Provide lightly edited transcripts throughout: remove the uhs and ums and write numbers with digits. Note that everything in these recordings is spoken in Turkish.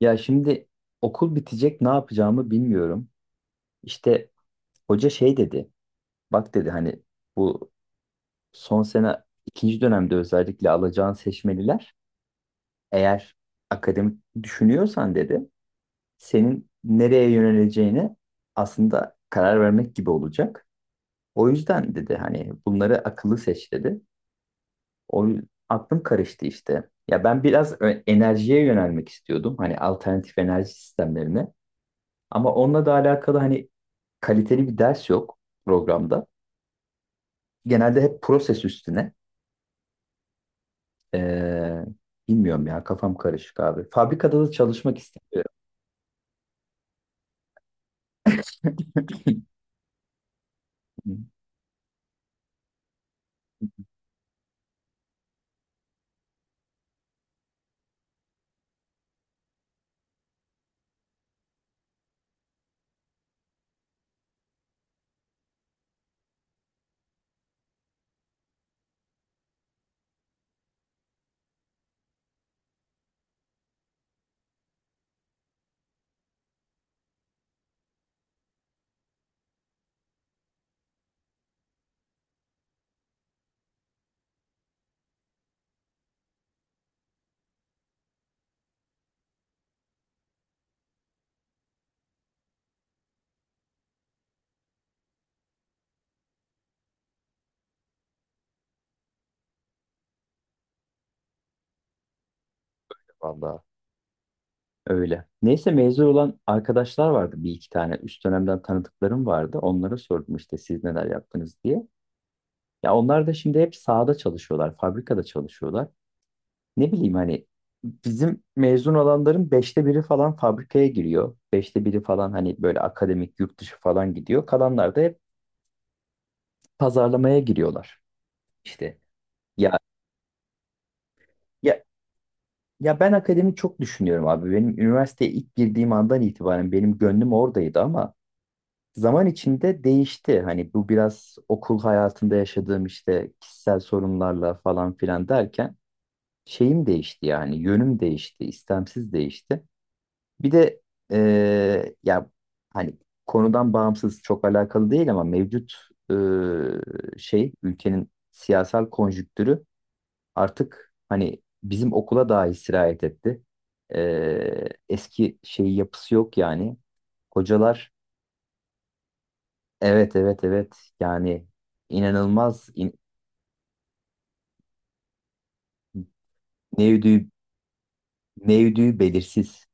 Ya şimdi okul bitecek, ne yapacağımı bilmiyorum. İşte hoca şey dedi. Bak dedi, hani bu son sene ikinci dönemde özellikle alacağın seçmeliler, eğer akademik düşünüyorsan dedi, senin nereye yöneleceğine aslında karar vermek gibi olacak. O yüzden dedi, hani bunları akıllı seç dedi. Aklım karıştı işte. Ya ben biraz enerjiye yönelmek istiyordum. Hani alternatif enerji sistemlerine. Ama onunla da alakalı hani kaliteli bir ders yok programda. Genelde hep proses üstüne. Ee, bilmiyorum ya, kafam karışık abi. Fabrikada da çalışmak istemiyorum. Vallahi öyle. Neyse mezun olan arkadaşlar vardı, bir iki tane. Üst dönemden tanıdıklarım vardı. Onlara sordum işte, siz neler yaptınız diye. Ya onlar da şimdi hep sahada çalışıyorlar, fabrikada çalışıyorlar. Ne bileyim hani, bizim mezun olanların 1/5'i falan fabrikaya giriyor. 1/5'i falan hani böyle akademik, yurt dışı falan gidiyor. Kalanlar da hep pazarlamaya giriyorlar. İşte. Ya ya ya ben akademi çok düşünüyorum abi. Benim üniversiteye ilk girdiğim andan itibaren benim gönlüm oradaydı, ama zaman içinde değişti. Hani bu biraz okul hayatında yaşadığım işte kişisel sorunlarla falan filan derken şeyim değişti, yani yönüm değişti, istemsiz değişti. Bir de ya hani, konudan bağımsız çok alakalı değil ama mevcut eee, şey, ülkenin siyasal konjüktürü artık hani bizim okula daha sirayet etti. Eski şey yapısı yok yani. Hocalar. Evet, evet, evet. Yani inanılmaz ne yürüdüğü belirsiz.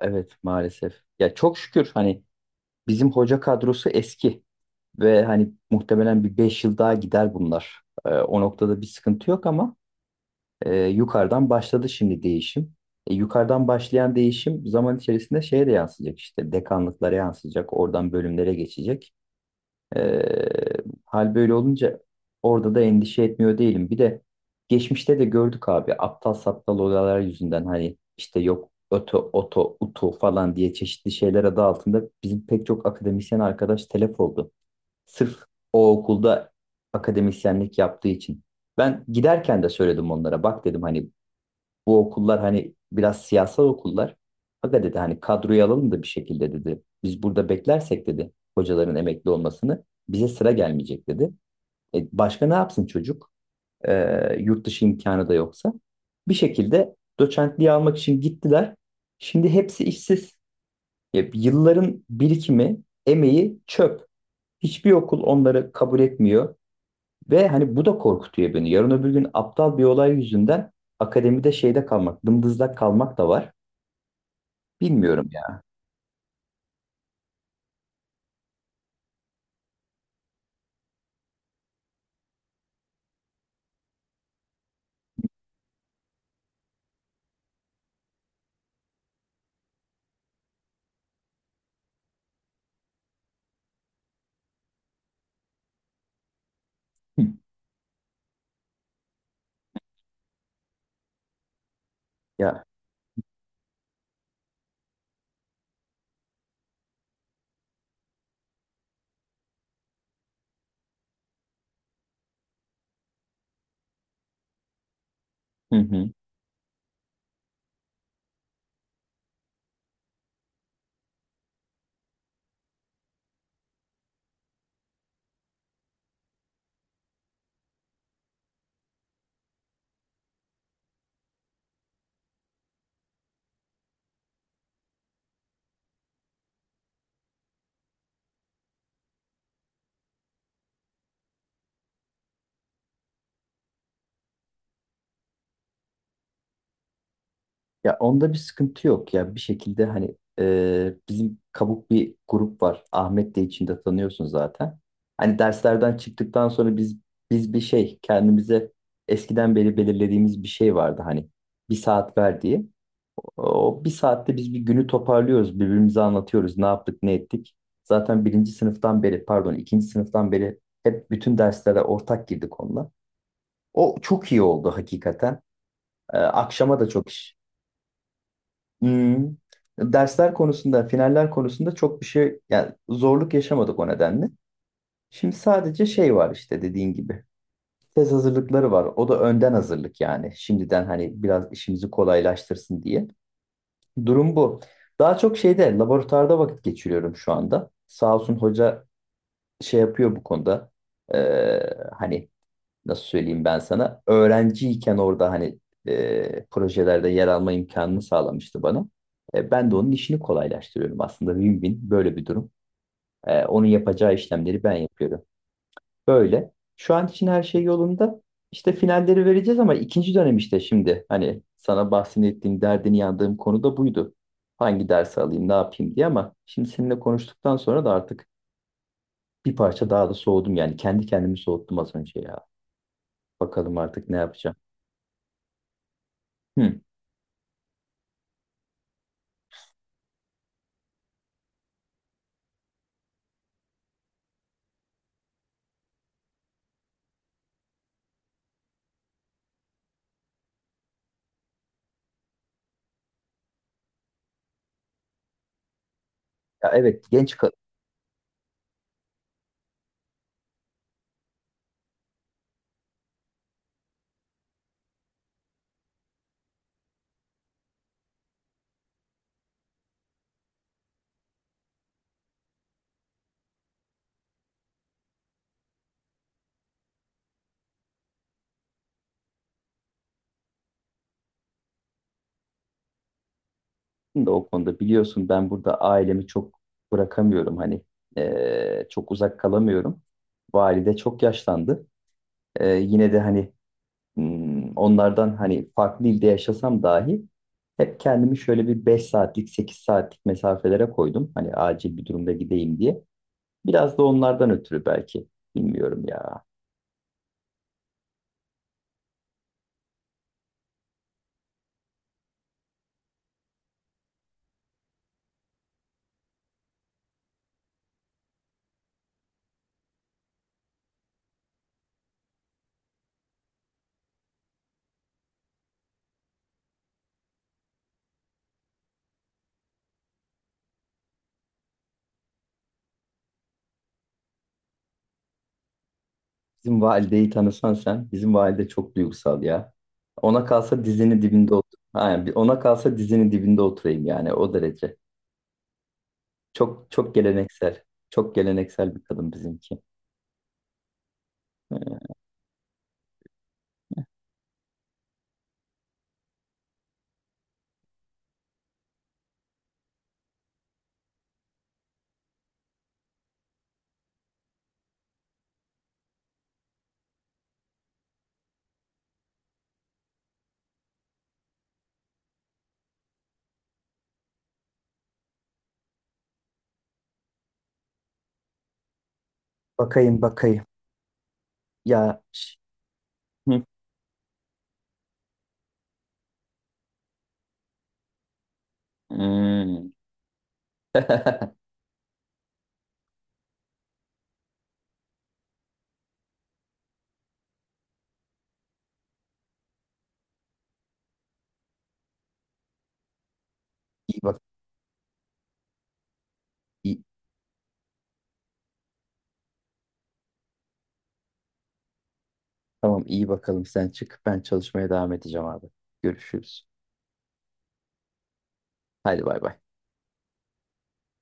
Evet, maalesef. Ya çok şükür hani, bizim hoca kadrosu eski ve hani muhtemelen bir 5 yıl daha gider bunlar. O noktada bir sıkıntı yok ama. Yukarıdan başladı şimdi değişim. Yukarıdan başlayan değişim zaman içerisinde şeye de yansıyacak, işte dekanlıklara yansıyacak, oradan bölümlere geçecek. E, hal böyle olunca orada da endişe etmiyor değilim. Bir de geçmişte de gördük abi, aptal saptal olaylar yüzünden hani işte yok öto, oto, utu falan diye çeşitli şeyler adı altında bizim pek çok akademisyen arkadaş telef oldu. Sırf o okulda akademisyenlik yaptığı için. Ben giderken de söyledim onlara. Bak dedim hani, bu okullar hani biraz siyasal okullar. Aga dedi hani, kadroyu alalım da bir şekilde dedi. Biz burada beklersek dedi, hocaların emekli olmasını bize sıra gelmeyecek dedi. Başka ne yapsın çocuk? E, yurt dışı imkanı da yoksa. Bir şekilde doçentliği almak için gittiler. Şimdi hepsi işsiz. Yılların birikimi, emeği çöp. Hiçbir okul onları kabul etmiyor. Ve hani bu da korkutuyor beni. Yarın öbür gün aptal bir olay yüzünden akademide şeyde kalmak, dımdızlak kalmak da var. Bilmiyorum ya. Hı. Ya, hı hı. Ya onda bir sıkıntı yok ya, bir şekilde hani bizim kabuk bir grup var. Ahmet de içinde, tanıyorsun zaten. Hani derslerden çıktıktan sonra biz bir şey, kendimize eskiden beri belirlediğimiz bir şey vardı hani, bir saat ver diye. O bir saatte biz bir günü toparlıyoruz, birbirimize anlatıyoruz ne yaptık, ne ettik. Zaten birinci sınıftan beri, pardon ikinci sınıftan beri hep bütün derslere ortak girdik onunla. O çok iyi oldu hakikaten. Akşama da çok iş. Hmm. Dersler konusunda, finaller konusunda çok bir şey, yani zorluk yaşamadık o nedenle. Şimdi sadece şey var işte, dediğin gibi. Tez hazırlıkları var. O da önden hazırlık yani. Şimdiden hani biraz işimizi kolaylaştırsın diye. Durum bu. Daha çok şeyde, laboratuvarda vakit geçiriyorum şu anda. Sağ olsun hoca, şey yapıyor bu konuda. Ee, hani nasıl söyleyeyim, ben sana öğrenciyken orada hani projelerde yer alma imkanını sağlamıştı bana. Ben de onun işini kolaylaştırıyorum aslında, win-win böyle bir durum. Onun yapacağı işlemleri ben yapıyorum. Böyle. Şu an için her şey yolunda. İşte finalleri vereceğiz, ama ikinci dönem işte şimdi hani, sana bahsettiğim derdini yandığım konu da buydu. Hangi dersi alayım, ne yapayım diye, ama şimdi seninle konuştuktan sonra da artık bir parça daha da soğudum, yani kendi kendimi soğuttum az önce ya. Bakalım artık ne yapacağım. Hı. Ya evet genç kadın, da o konuda biliyorsun, ben burada ailemi çok bırakamıyorum hani. Çok uzak kalamıyorum. Valide çok yaşlandı. Yine de hani onlardan hani farklı ilde yaşasam dahi hep kendimi şöyle bir 5 saatlik, 8 saatlik mesafelere koydum. Hani acil bir durumda gideyim diye. Biraz da onlardan ötürü belki, bilmiyorum ya. Bizim valideyi tanısan sen. Bizim valide çok duygusal ya. Ona kalsa dizinin dibinde otur. Aynen. Ona kalsa dizinin dibinde oturayım, yani o derece. Çok çok geleneksel. Çok geleneksel bir kadın bizimki. Bakayım bakayım. Ya ş- Hı. Hmm. İyi bak. iyi- Tamam, iyi bakalım, sen çık. Ben çalışmaya devam edeceğim abi. Görüşürüz. Hadi bay bay.